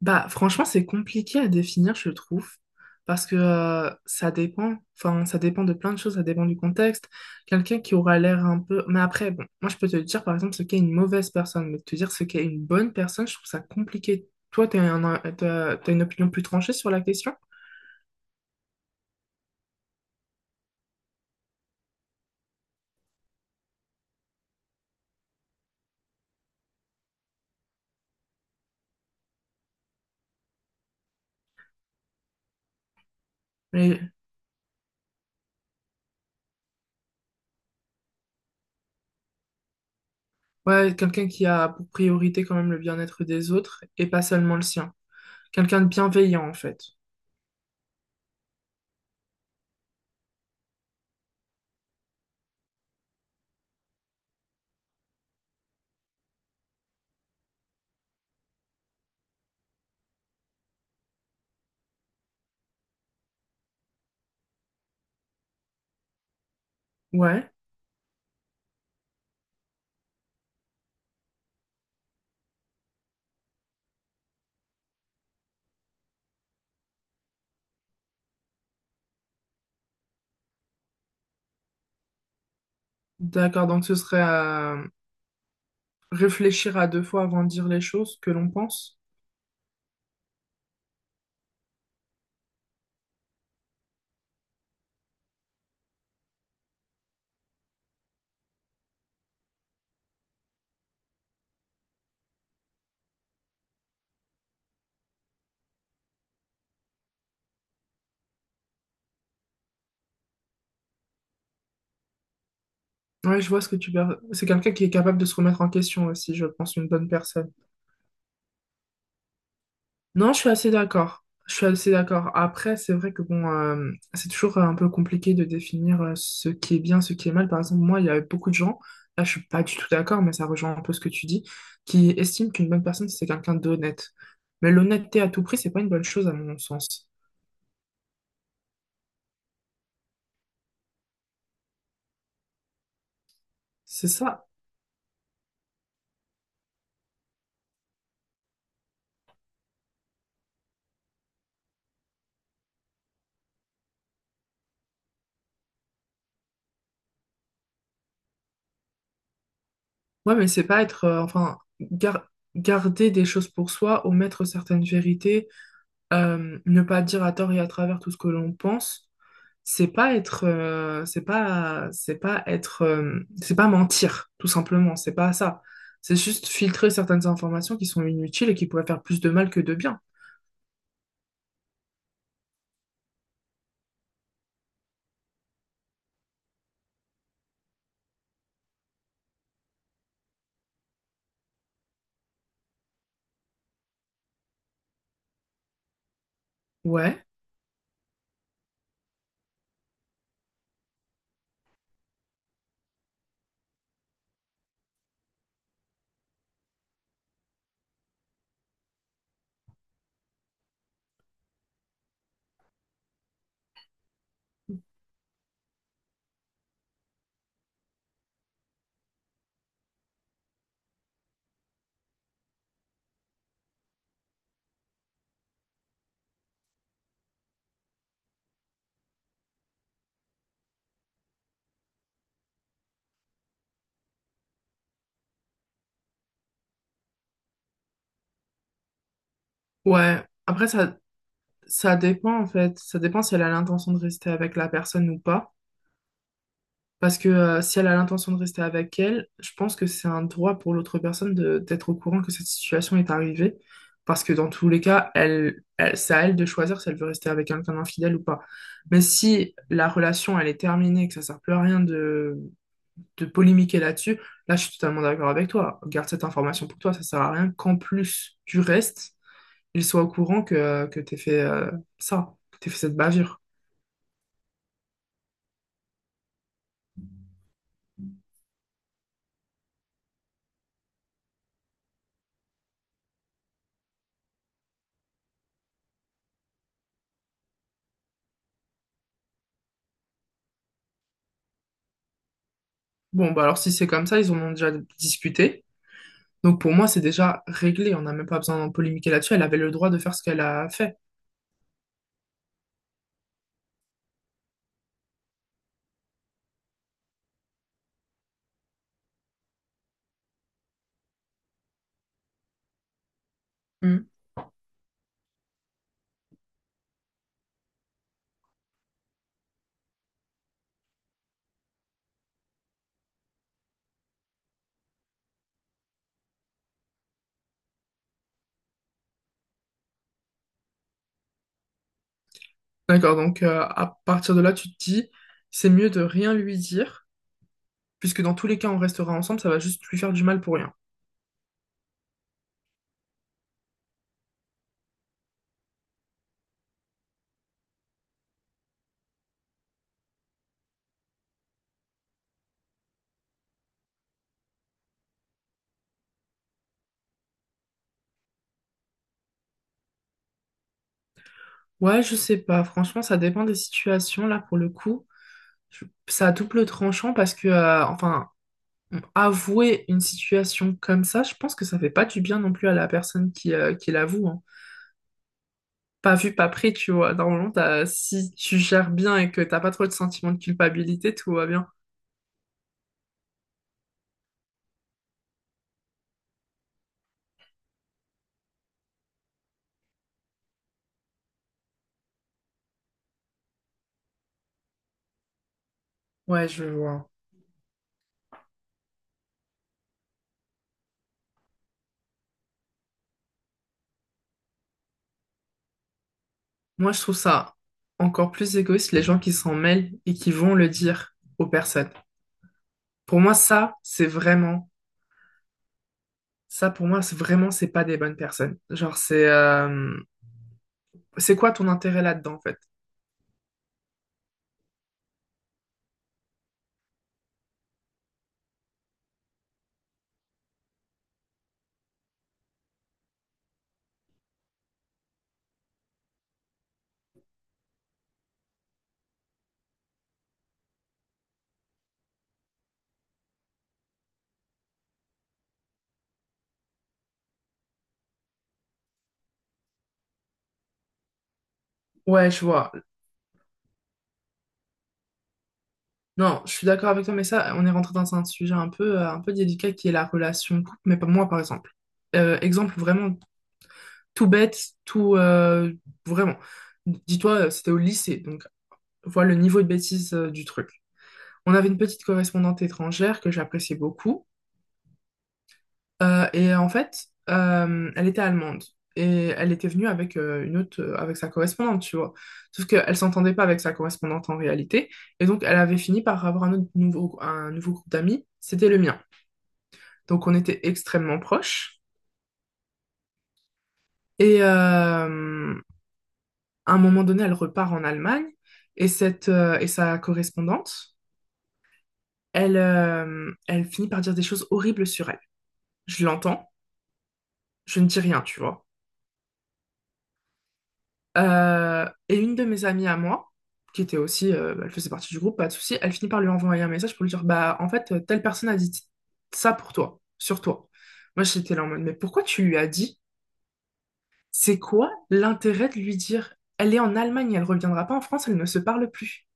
Bah, franchement, c'est compliqué à définir, je trouve, parce que ça dépend, enfin, ça dépend de plein de choses, ça dépend du contexte. Quelqu'un qui aura l'air un peu... Mais après, bon, moi, je peux te dire, par exemple, ce qu'est une mauvaise personne, mais te dire ce qu'est une bonne personne, je trouve ça compliqué. Toi, t'as une opinion plus tranchée sur la question? Mais, ouais, quelqu'un qui a pour priorité quand même le bien-être des autres et pas seulement le sien. Quelqu'un de bienveillant, en fait. Ouais, d'accord. Donc ce serait à réfléchir à deux fois avant de dire les choses que l'on pense. Ouais, je vois ce que tu veux. C'est quelqu'un qui est capable de se remettre en question aussi, je pense, une bonne personne. Non, je suis assez d'accord. Je suis assez d'accord. Après, c'est vrai que bon, c'est toujours un peu compliqué de définir ce qui est bien, ce qui est mal. Par exemple, moi, il y a beaucoup de gens, là, je suis pas du tout d'accord, mais ça rejoint un peu ce que tu dis, qui estiment qu'une bonne personne, c'est quelqu'un d'honnête. Mais l'honnêteté à tout prix, c'est pas une bonne chose à mon sens. C'est ça. Ouais, mais c'est pas être, enfin, garder des choses pour soi, omettre certaines vérités, ne pas dire à tort et à travers tout ce que l'on pense, c'est pas c'est pas mentir, tout simplement, c'est pas ça. C'est juste filtrer certaines informations qui sont inutiles et qui pourraient faire plus de mal que de bien. Ouais, ouais. Après, ça dépend en fait, ça dépend si elle a l'intention de rester avec la personne ou pas. Parce que si elle a l'intention de rester avec elle, je pense que c'est un droit pour l'autre personne de d'être au courant que cette situation est arrivée. Parce que dans tous les cas, elle, c'est à elle de choisir si elle veut rester avec quelqu'un d'infidèle ou pas. Mais si la relation, elle est terminée, que ça sert plus à rien de polémiquer là-dessus, là, je suis totalement d'accord avec toi. Garde cette information pour toi, ça sert à rien qu'en plus du reste, ils soient au courant que t'aies fait ça, que t'aies fait cette bavure. Bon, bah alors si c'est comme ça, ils en ont déjà discuté. Donc pour moi, c'est déjà réglé. On n'a même pas besoin de polémiquer là-dessus. Elle avait le droit de faire ce qu'elle a fait. Mm. D'accord, donc à partir de là, tu te dis, c'est mieux de rien lui dire, puisque dans tous les cas, on restera ensemble, ça va juste lui faire du mal pour rien. Ouais, je sais pas, franchement, ça dépend des situations, là, pour le coup. Ça a double tranchant parce que, enfin, avouer une situation comme ça, je pense que ça fait pas du bien non plus à la personne qui l'avoue, hein. Pas vu, pas pris, tu vois. Normalement, si tu gères bien et que t'as pas trop de sentiment de culpabilité, tout va bien. Ouais, je vois. Moi, je trouve ça encore plus égoïste, les gens qui s'en mêlent et qui vont le dire aux personnes. Pour moi, ça, c'est vraiment, ça, pour moi, c'est vraiment, c'est pas des bonnes personnes. Genre, c'est quoi ton intérêt là-dedans, en fait? Ouais, je vois. Non, je suis d'accord avec toi, mais ça, on est rentré dans un sujet un peu délicat qui est la relation de couple, mais pas moi, par exemple. Exemple vraiment tout bête, tout vraiment. Dis-toi, c'était au lycée, donc vois le niveau de bêtise du truc. On avait une petite correspondante étrangère que j'appréciais beaucoup, et en fait, elle était allemande. Et elle était venue avec avec sa correspondante, tu vois. Sauf qu'elle s'entendait pas avec sa correspondante en réalité. Et donc, elle avait fini par avoir un nouveau groupe d'amis. C'était le mien. Donc, on était extrêmement proches. Et, euh, À un moment donné, elle repart en Allemagne et sa correspondante, elle finit par dire des choses horribles sur elle. Je l'entends, je ne dis rien, tu vois. Et une de mes amies à moi, qui était aussi, elle faisait partie du groupe, pas de souci, elle finit par lui envoyer un message pour lui dire, bah, en fait, telle personne a dit ça pour toi, sur toi. Moi, j'étais là en mode, mais pourquoi tu lui as dit? C'est quoi l'intérêt de lui dire, elle est en Allemagne, elle reviendra pas en France, elle ne se parle plus.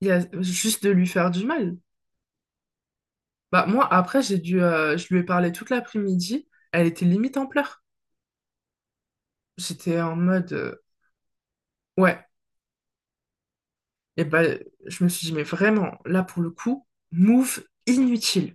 Il y a juste de lui faire du mal. Bah moi après j'ai dû je lui ai parlé toute l'après-midi, elle était limite en pleurs. J'étais en mode ouais, et ben je me suis dit mais vraiment là pour le coup, move inutile.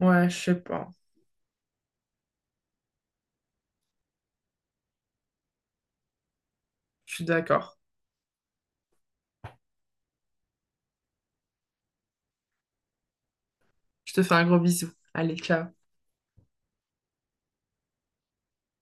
Ouais, je sais pas. Je suis d'accord. Je te fais un gros bisou. Allez, ciao.